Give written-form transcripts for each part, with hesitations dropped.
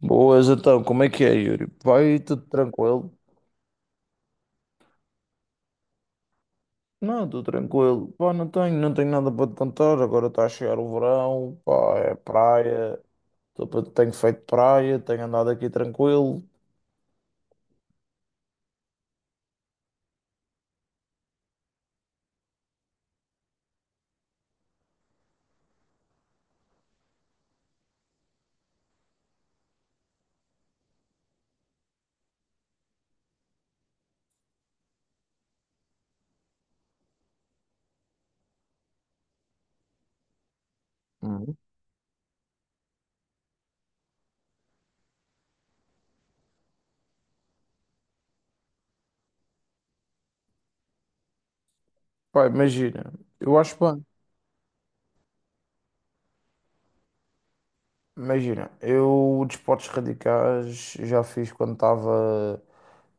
Boas, então, como é que é, Yuri? Vai tudo tranquilo? Não, tudo tranquilo. Pá, não tenho nada para te contar. Agora está a chegar o verão, pá, é praia. Tenho feito praia, tenho andado aqui tranquilo. Uhum. Pá, imagina, eu acho bem. Imagina, eu desportos radicais já fiz quando estava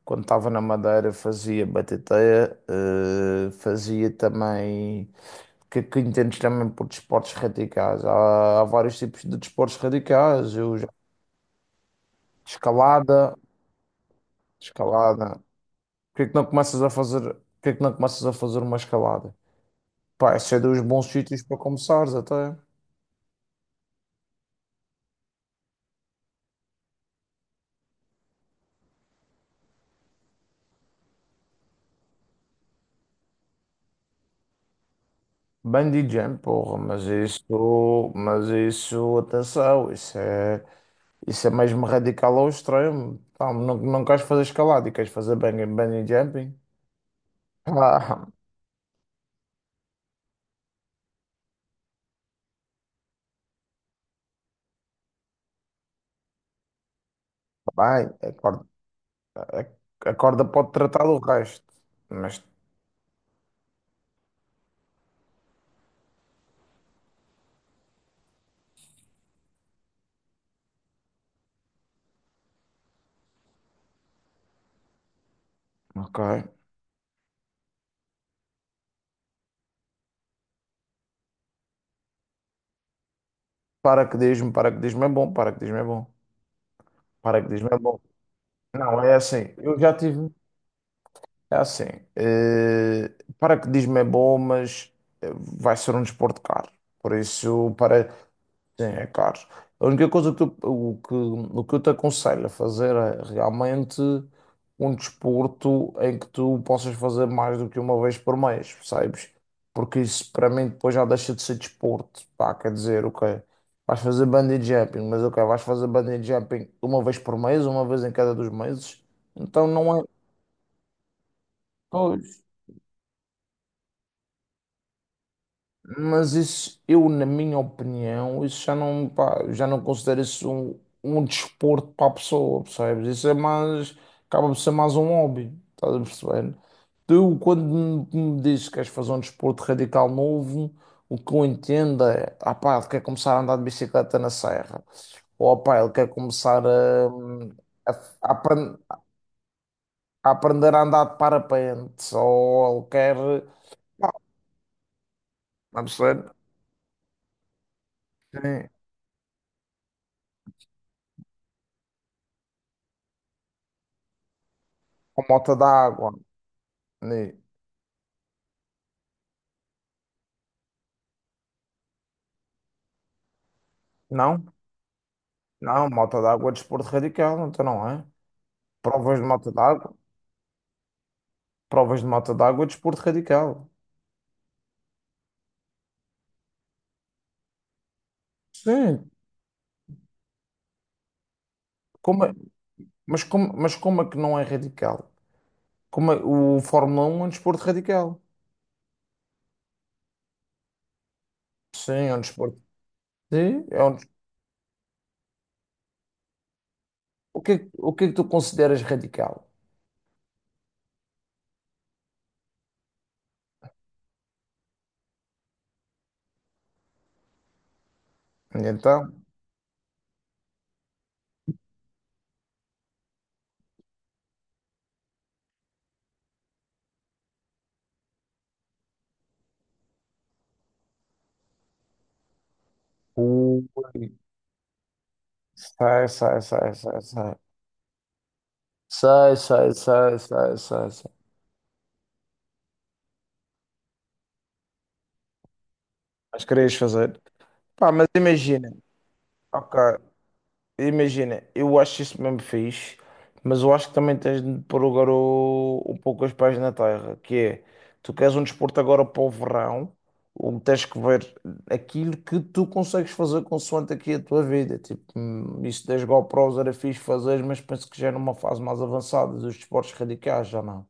quando estava na Madeira, fazia batateia, fazia também. Que entendes também por desportos radicais. Há vários tipos de desportos radicais. Eu já... Escalada, escalada. Porquê que não começas a fazer, porquê que não começas a fazer uma escalada? Pá, esse é dos bons sítios para começares até. Bungee jump, porra, mas isso, atenção, isso é mesmo radical ao extremo. Pá, não, não queres fazer escalada e queres fazer bungee jumping? Ah, bem, a corda, a corda pode tratar do resto, mas ok. Paraquedismo, paraquedismo é bom, paraquedismo é bom. Paraquedismo é bom. Não, é assim. Eu já tive. É assim. eh, paraquedismo é bom, mas vai ser um desporto caro. Por isso, para, sim, é caro. A única coisa que eu, o que eu te aconselho a fazer é realmente um desporto em que tu possas fazer mais do que uma vez por mês, percebes? Porque isso para mim depois já deixa de ser desporto, pá, quer dizer, ok, vais fazer bungee jumping, mas ok, vais fazer bungee jumping uma vez por mês, uma vez em cada dois meses, então não é, pois, mas isso, eu, na minha opinião, isso já não, pá, já não considero isso um desporto para a pessoa, percebes? Isso é mais, acaba por ser mais um hobby, estás a perceber? Tu, quando me dizes que queres fazer um desporto radical novo, o que eu entendo é, ah pá, ele quer começar a andar de bicicleta na serra, ou ah pá, ele quer começar a, a, a apren- a aprender a andar de parapente, ou ele quer, pá, estás a perceber? Sim. Com moto d'água. Ni- Não, não, moto d'água é desporto radical, então não é? Provas de moto d'água, provas de moto d'água é desporto radical. Sim, como é- mas, mas como é que não é radical? O Fórmula um é um desporto radical. Sim, é um desporto. Sim, o que, o que é que tu consideras radical? Então, o, sai sai sai sai sai. Sei, sei, sei, sei, sei, sei. Mas querias fazer. Pá, mas imagina, ok. Imagina, eu acho isso mesmo fixe, mas eu acho que também tens de pôr o garo um pouco os pés na terra, que é, tu queres um desporto agora para o verão, ou tens que ver aquilo que tu consegues fazer consoante aqui a tua vida, tipo, isso das GoPros era fixe fazer, mas penso que já é numa fase mais avançada dos desportos radicais, já não?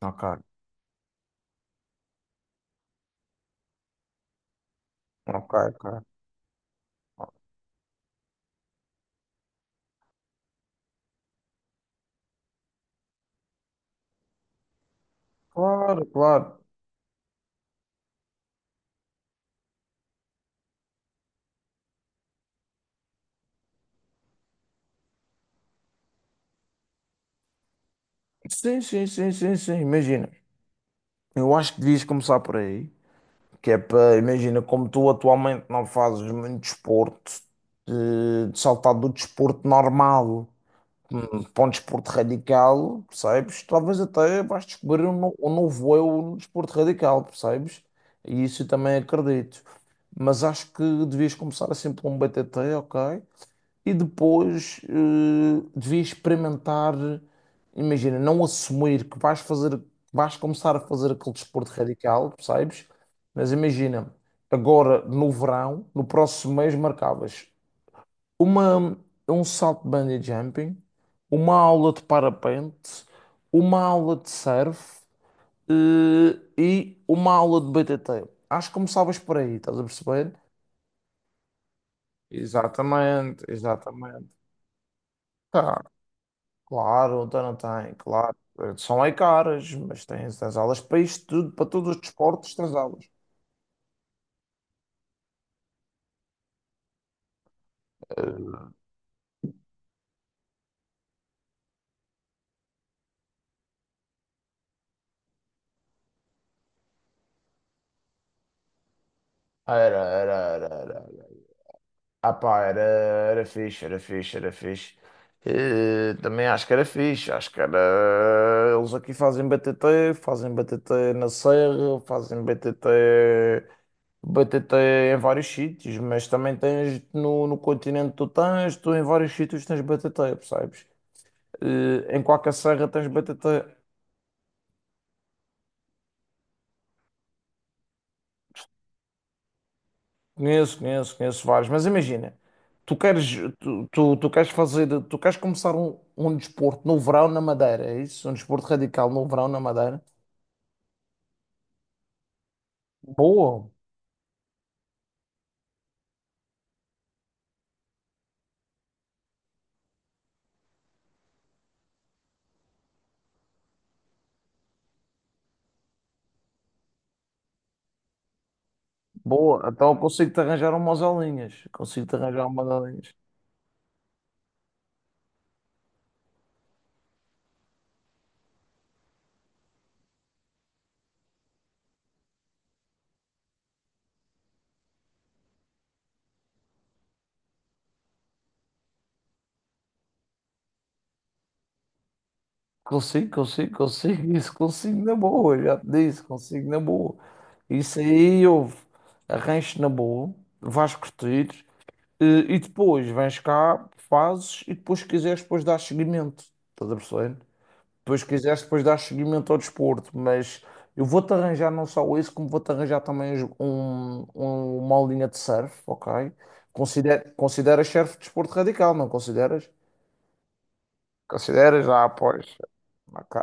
Ok, ok, ok. Claro, claro. Sim, sim, sim, sim, sim, imagina. Eu acho que devias começar por aí. Que é para, imagina, como tu atualmente não fazes muito desporto, de saltar do desporto normal, para um desporto radical, percebes? Talvez até vais descobrir um novo eu no desporto radical, percebes? E isso eu também acredito. Mas acho que devias começar assim por um BTT, ok? E depois devias experimentar, imagina, não assumir que vais fazer, que vais começar a fazer aquele desporto radical, percebes? Mas imagina, agora no verão, no próximo mês marcavas uma, um salto de bungee jumping, uma aula de parapente, uma aula de surf, e uma aula de BTT. Acho que começavas por aí, estás a perceber? Exatamente, exatamente. Claro, então não tem, claro. São aí caras, mas tens as aulas para isto tudo, para todos os desportos, tens aulas. Era, era, era, era, era. Ah pá, era fixe, era fixe, era fixe. Também acho que era fixe, acho que era. Eles aqui fazem BTT, fazem BTT na Serra, fazem BTT, BTT em vários sítios, mas também tens no continente, tu tens, tu em vários sítios tens BTT, percebes? Em qualquer serra tens BTT. Conheço, conheço, conheço vários, mas imagina, tu queres, tu queres fazer, tu queres começar um desporto no verão na Madeira, é isso? Um desporto radical no verão na Madeira? Boa, boa, então eu consigo-te arranjar umas aulinhas, consigo-te arranjar umas aulinhas. Consigo, consigo, consigo, isso consigo na boa, já te disse, consigo na boa. Isso aí, houve, arranjo na boa, vais curtir, eh, e depois vens cá, fazes, e depois se quiseres, depois dás seguimento, estás a perceber? Depois quiseres, depois dar seguimento ao desporto, mas eu vou-te arranjar não só isso, como vou-te arranjar também uma aulinha de surf, ok? Considera, consideras surf desporto radical, não consideras? Consideras? Ah, pois. Ok.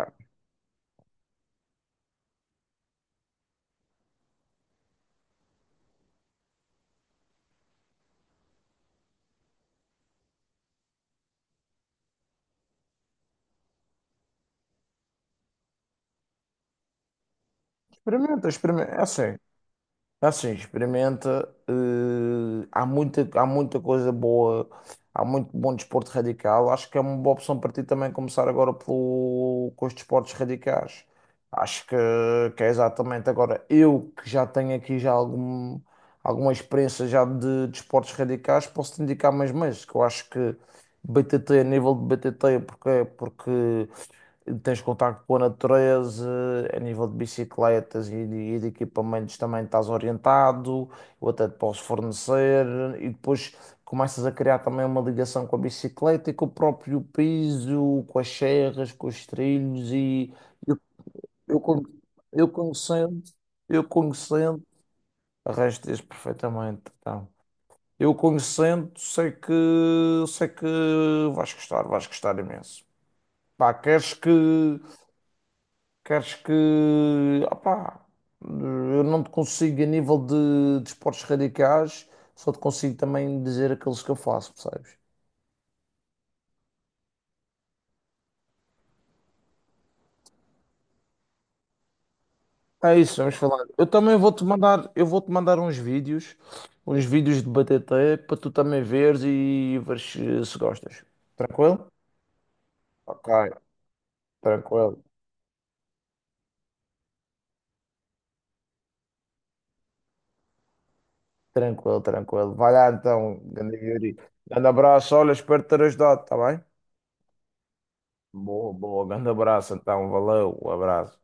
Experimenta, experimenta. É assim. Assim, experimenta. Há muita, coisa boa, há muito bom desporto radical. Acho que é uma boa opção para ti também começar agora pelo, com os desportos radicais. Acho que é exatamente agora. Eu que já tenho aqui já algum, alguma experiência já de desportos radicais, posso te indicar mais que eu acho que BTT, a nível de BTT, porque tens contacto com a natureza, a nível de bicicletas e de equipamentos também estás orientado, eu até te posso fornecer, e depois começas a criar também uma ligação com a bicicleta e com o próprio piso, com as serras, com os trilhos, e eu, eu, con- eu conhecendo, eu conhecendo, arranjas perfeitamente, então. Eu conhecendo, sei que vais gostar imenso. Pá, queres que. Queres que. Opá, eu não te consigo, a nível de esportes radicais, só te consigo também dizer aqueles que eu faço, percebes? É isso, vamos falar. Eu também vou-te mandar, eu vou-te mandar uns vídeos de BTT para tu também veres e veres se gostas. Tranquilo? Ok, tranquilo, tranquilo, tranquilo. Vai lá então, grande Yuri. Grande abraço, olha, espero ter ajudado, tá bem? Boa, boa, grande abraço então, valeu, um abraço.